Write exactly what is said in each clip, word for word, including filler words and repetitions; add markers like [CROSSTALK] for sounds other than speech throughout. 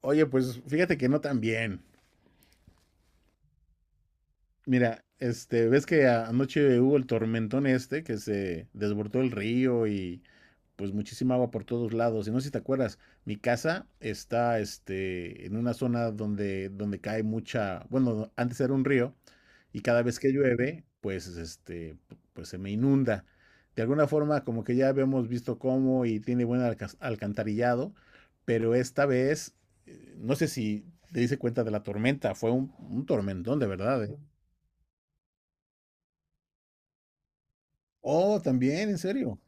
Oye, pues fíjate que no tan bien. Mira, este, ves que a- anoche hubo el tormentón este que se desbordó el río y pues muchísima agua por todos lados. Y no sé si te acuerdas, mi casa está este, en una zona donde, donde cae mucha, bueno, antes era un río y cada vez que llueve, pues este, pu- pues se me inunda. De alguna forma, como que ya habíamos visto cómo y tiene buen alca- alcantarillado, pero esta vez, eh, no sé si te diste cuenta de la tormenta, fue un, un tormentón de verdad, ¿eh? Oh, también, en serio.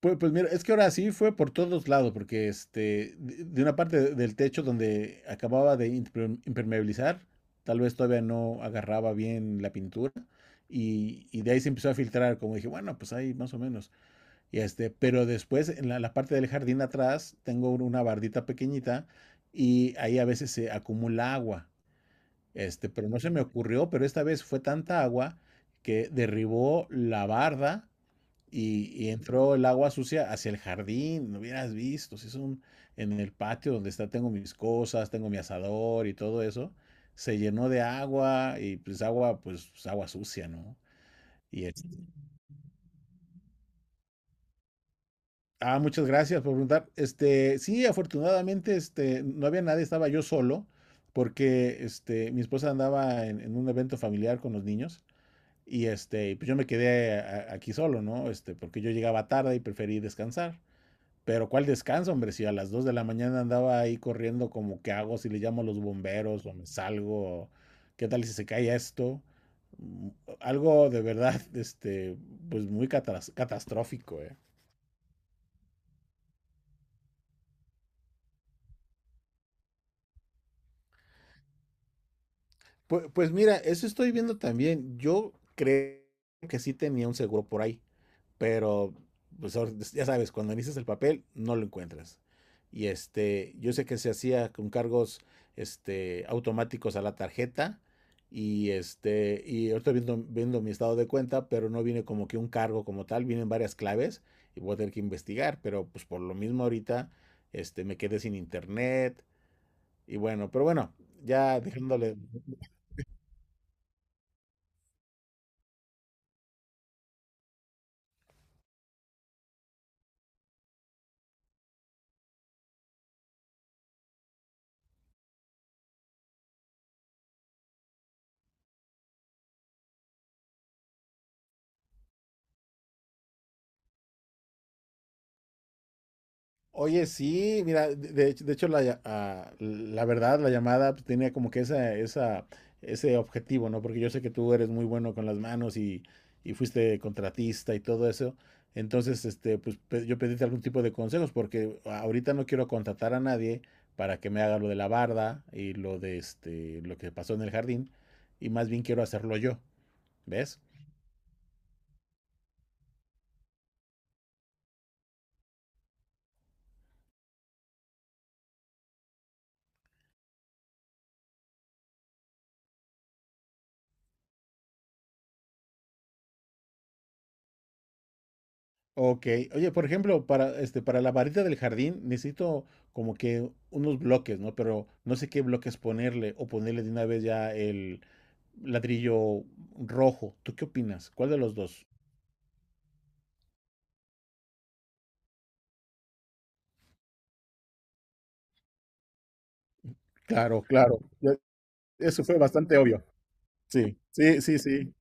Pues, pues mira, es que ahora sí fue por todos lados, porque este, de de una parte de- del techo donde acababa de imperme- impermeabilizar, tal vez todavía no agarraba bien la pintura, y, y de ahí se empezó a filtrar, como dije, bueno, pues ahí más o menos. Y este, pero después en la, la parte del jardín atrás tengo un- una bardita pequeñita y ahí a veces se acumula agua. Este, pero no se me ocurrió, pero esta vez fue tanta agua que derribó la barda. Y, y entró el agua sucia hacia el jardín, no hubieras visto, si es un, en el patio donde está, tengo mis cosas, tengo mi asador y todo eso, se llenó de agua y pues agua, pues agua sucia, ¿no? Y es- ah, muchas gracias por preguntar. Este, sí, afortunadamente, este, no había nadie, estaba yo solo, porque este, mi esposa andaba en, en un evento familiar con los niños y este, y, pues yo me quedé a- a- aquí solo, ¿no? Este, porque yo llegaba tarde y preferí descansar. Pero cuál descanso, hombre, si a las dos de la mañana andaba ahí corriendo como qué hago, si le llamo a los bomberos o me salgo, o qué tal si se cae esto. Mm, Algo de verdad, [LAUGHS] este, pues muy catas- catastrófico, eh. Pues, pues mira, eso estoy viendo también. Yo creo que sí tenía un seguro por ahí, pero pues ahora- ya sabes, cuando inicias el papel no lo encuentras. Y este, yo sé que se hacía con cargos este automáticos a la tarjeta y este y ahorita viendo viendo mi estado de cuenta, pero no viene como que un cargo como tal, vienen varias claves y voy a tener que investigar, pero pues por lo mismo ahorita este me quedé sin internet y bueno, pero bueno, ya dejándole. Oye, sí, mira, de, de hecho, de hecho la, lla- ah, la verdad, la llamada pues tenía como que esa, esa, ese objetivo, ¿no? Porque yo sé que tú eres muy bueno con las manos y, y fuiste contratista y todo eso. Entonces, este, pues pe- yo pedíte algún tipo de consejos porque ahorita no quiero contratar a nadie para que me haga lo de la barda y lo de este, lo que pasó en el jardín y más bien quiero hacerlo yo, ¿ves? Ok, oye, por ejemplo, para este, para la varita del jardín necesito como que unos bloques, ¿no? Pero no sé qué bloques ponerle o ponerle de una vez ya el ladrillo rojo. ¿Tú qué opinas? ¿Cuál de los dos? Claro, claro. Ya- eso fue bastante obvio. Sí, sí, sí, sí.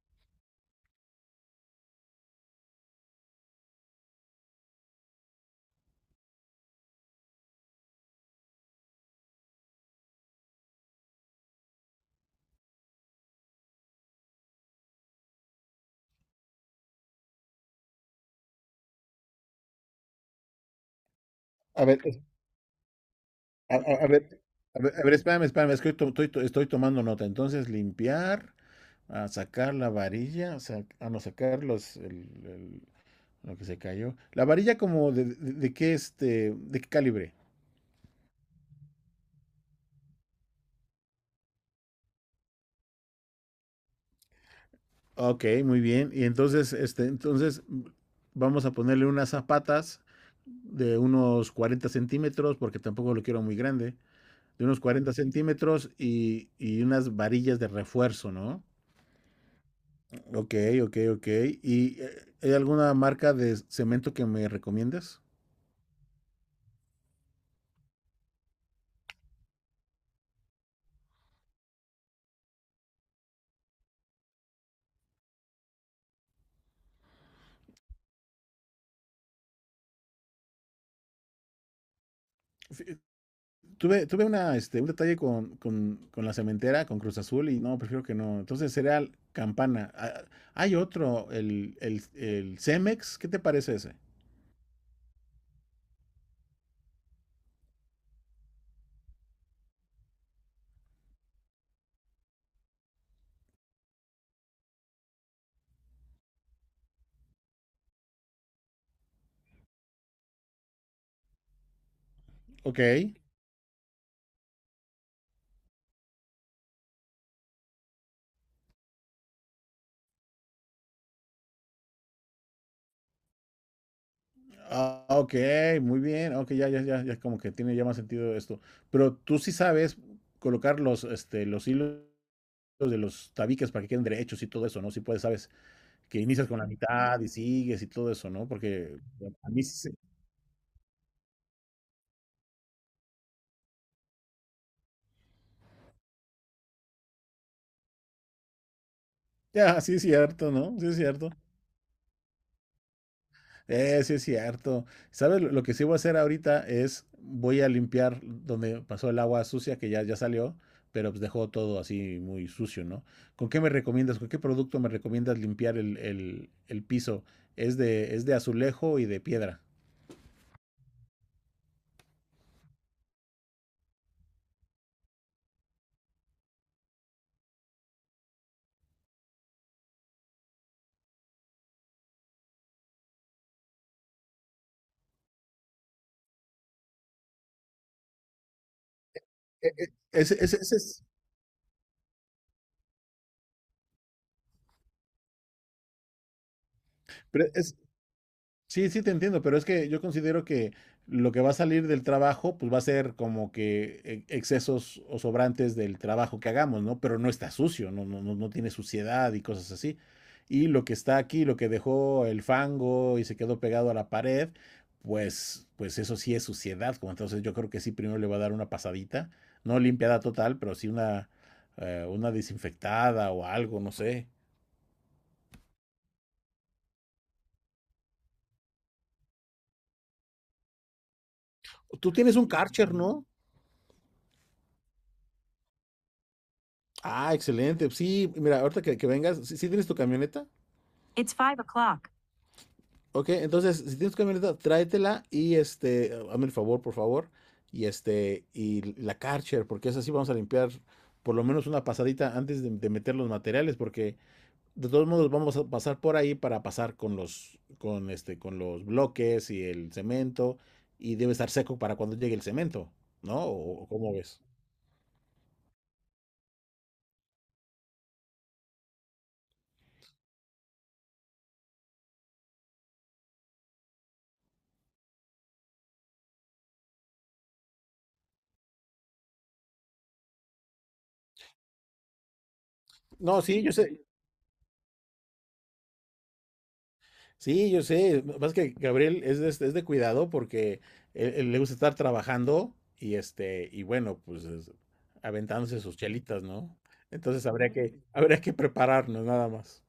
A ver, es- a, a- a ver, a ver, a ver, espérame, espérame, es que to- estoy, to- estoy tomando nota. Entonces, limpiar, a sacar la varilla, sa- a no sacar los lo que se cayó. La varilla como de, de, de qué este, de qué calibre. Ok, muy bien. Y entonces, este, entonces vamos a ponerle unas zapatas de unos cuarenta centímetros, porque tampoco lo quiero muy grande, de unos cuarenta centímetros y, y unas varillas de refuerzo, ¿no? Ok, ok, ok. ¿Y eh, hay alguna marca de cemento que me recomiendes? Fí- Tuve, tuve una, este, un detalle con, con, con la cementera, con Cruz Azul, y no, prefiero que no. Entonces sería Campana. Ah, hay otro, el, el, el Cemex, ¿qué te parece ese? Ok. Ah, ok, muy bien. Ok, ya, ya, ya, ya como que tiene ya más sentido esto. Pero tú sí sabes colocar los, este, los hilos de los tabiques para que queden derechos y todo eso, ¿no? Si puedes, sabes que inicias con la mitad y sigues y todo eso, ¿no? Porque bueno, a mí sí, se- ya, sí es cierto, ¿no? Sí es cierto. Eh, sí es cierto. ¿Sabes? Lo lo que sí voy a hacer ahorita es voy a limpiar donde pasó el agua sucia, que ya, ya salió, pero pues dejó todo así muy sucio, ¿no? ¿Con qué me recomiendas? ¿Con qué producto me recomiendas limpiar el, el- el piso? Es de, es de azulejo y de piedra. E- e- Ese, ese, ese es, pero es- sí, sí, te entiendo, pero es que yo considero que lo que va a salir del trabajo, pues va a ser como que e- excesos o sobrantes del trabajo que hagamos, ¿no? Pero no está sucio, no, no, no no tiene suciedad y cosas así. Y lo que está aquí, lo que dejó el fango y se quedó pegado a la pared, pues, pues eso sí es suciedad, como entonces yo creo que sí primero le va a dar una pasadita, no limpiada total, pero sí una, eh, una desinfectada o algo, no sé. Tú tienes un Karcher, ¿no? Ah, excelente. Sí, mira, ahorita que, que vengas, ¿si tienes tu camioneta? It's five o'clock. Ok, entonces, si tienes tu camioneta, tráetela y este, hazme el favor, por favor, y este, y la Karcher, porque es así, vamos a limpiar por lo menos una pasadita antes de, de meter los materiales, porque de todos modos vamos a pasar por ahí para pasar con los, con este, con los bloques y el cemento, y debe estar seco para cuando llegue el cemento, ¿no? ¿O o cómo ves? No, sí, yo sé. Sí, yo sé. Más que Gabriel es de, es de cuidado porque él, él le gusta estar trabajando y este, y bueno, pues es- aventándose sus chelitas, ¿no? Entonces habría que, habría que prepararnos nada más.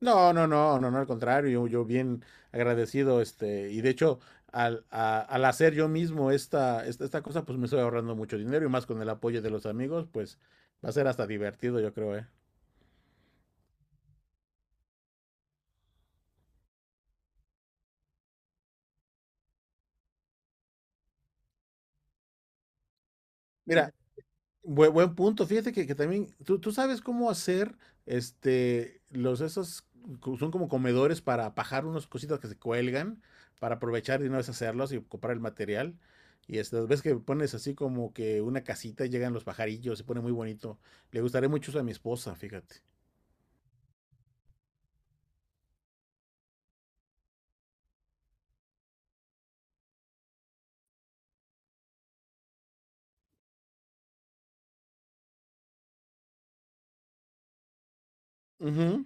No, no, no, no, no, al contrario, yo, yo bien agradecido, este, y de hecho, al, a- al hacer yo mismo esta, esta, esta cosa, pues me estoy ahorrando mucho dinero y más con el apoyo de los amigos, pues va a ser hasta divertido, yo creo, ¿eh? Mira, Buen, buen punto, fíjate que, que también, tú, tú sabes cómo hacer, este, los esos, co- son como comedores para pajar unas cositas que se cuelgan, para aprovechar y no deshacerlos y comprar el material. Y estas ves que pones así como que una casita y llegan los pajarillos, se pone muy bonito. Le gustaría mucho eso a mi esposa, fíjate. Ujú,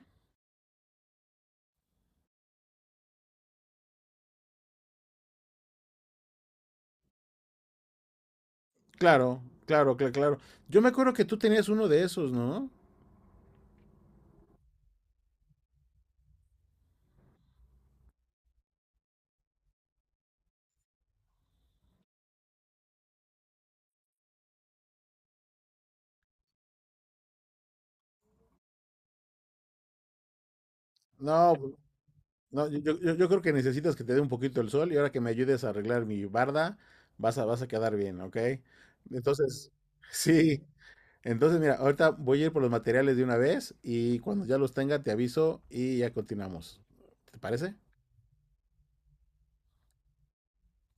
claro, claro, claro, claro. Yo me acuerdo que tú tenías uno de esos, ¿no? No, no, yo, yo- yo- yo creo que necesitas que te dé un poquito el sol, y ahora que me ayudes a arreglar mi barda, vas a, vas a quedar bien, ¿ok? Entonces, [LAUGHS] sí, entonces mira, ahorita voy a ir por los materiales de una vez, y cuando ya los tenga te aviso y ya continuamos. ¿Te parece?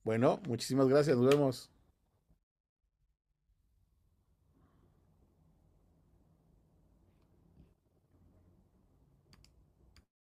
Bueno, muchísimas gracias, nos vemos.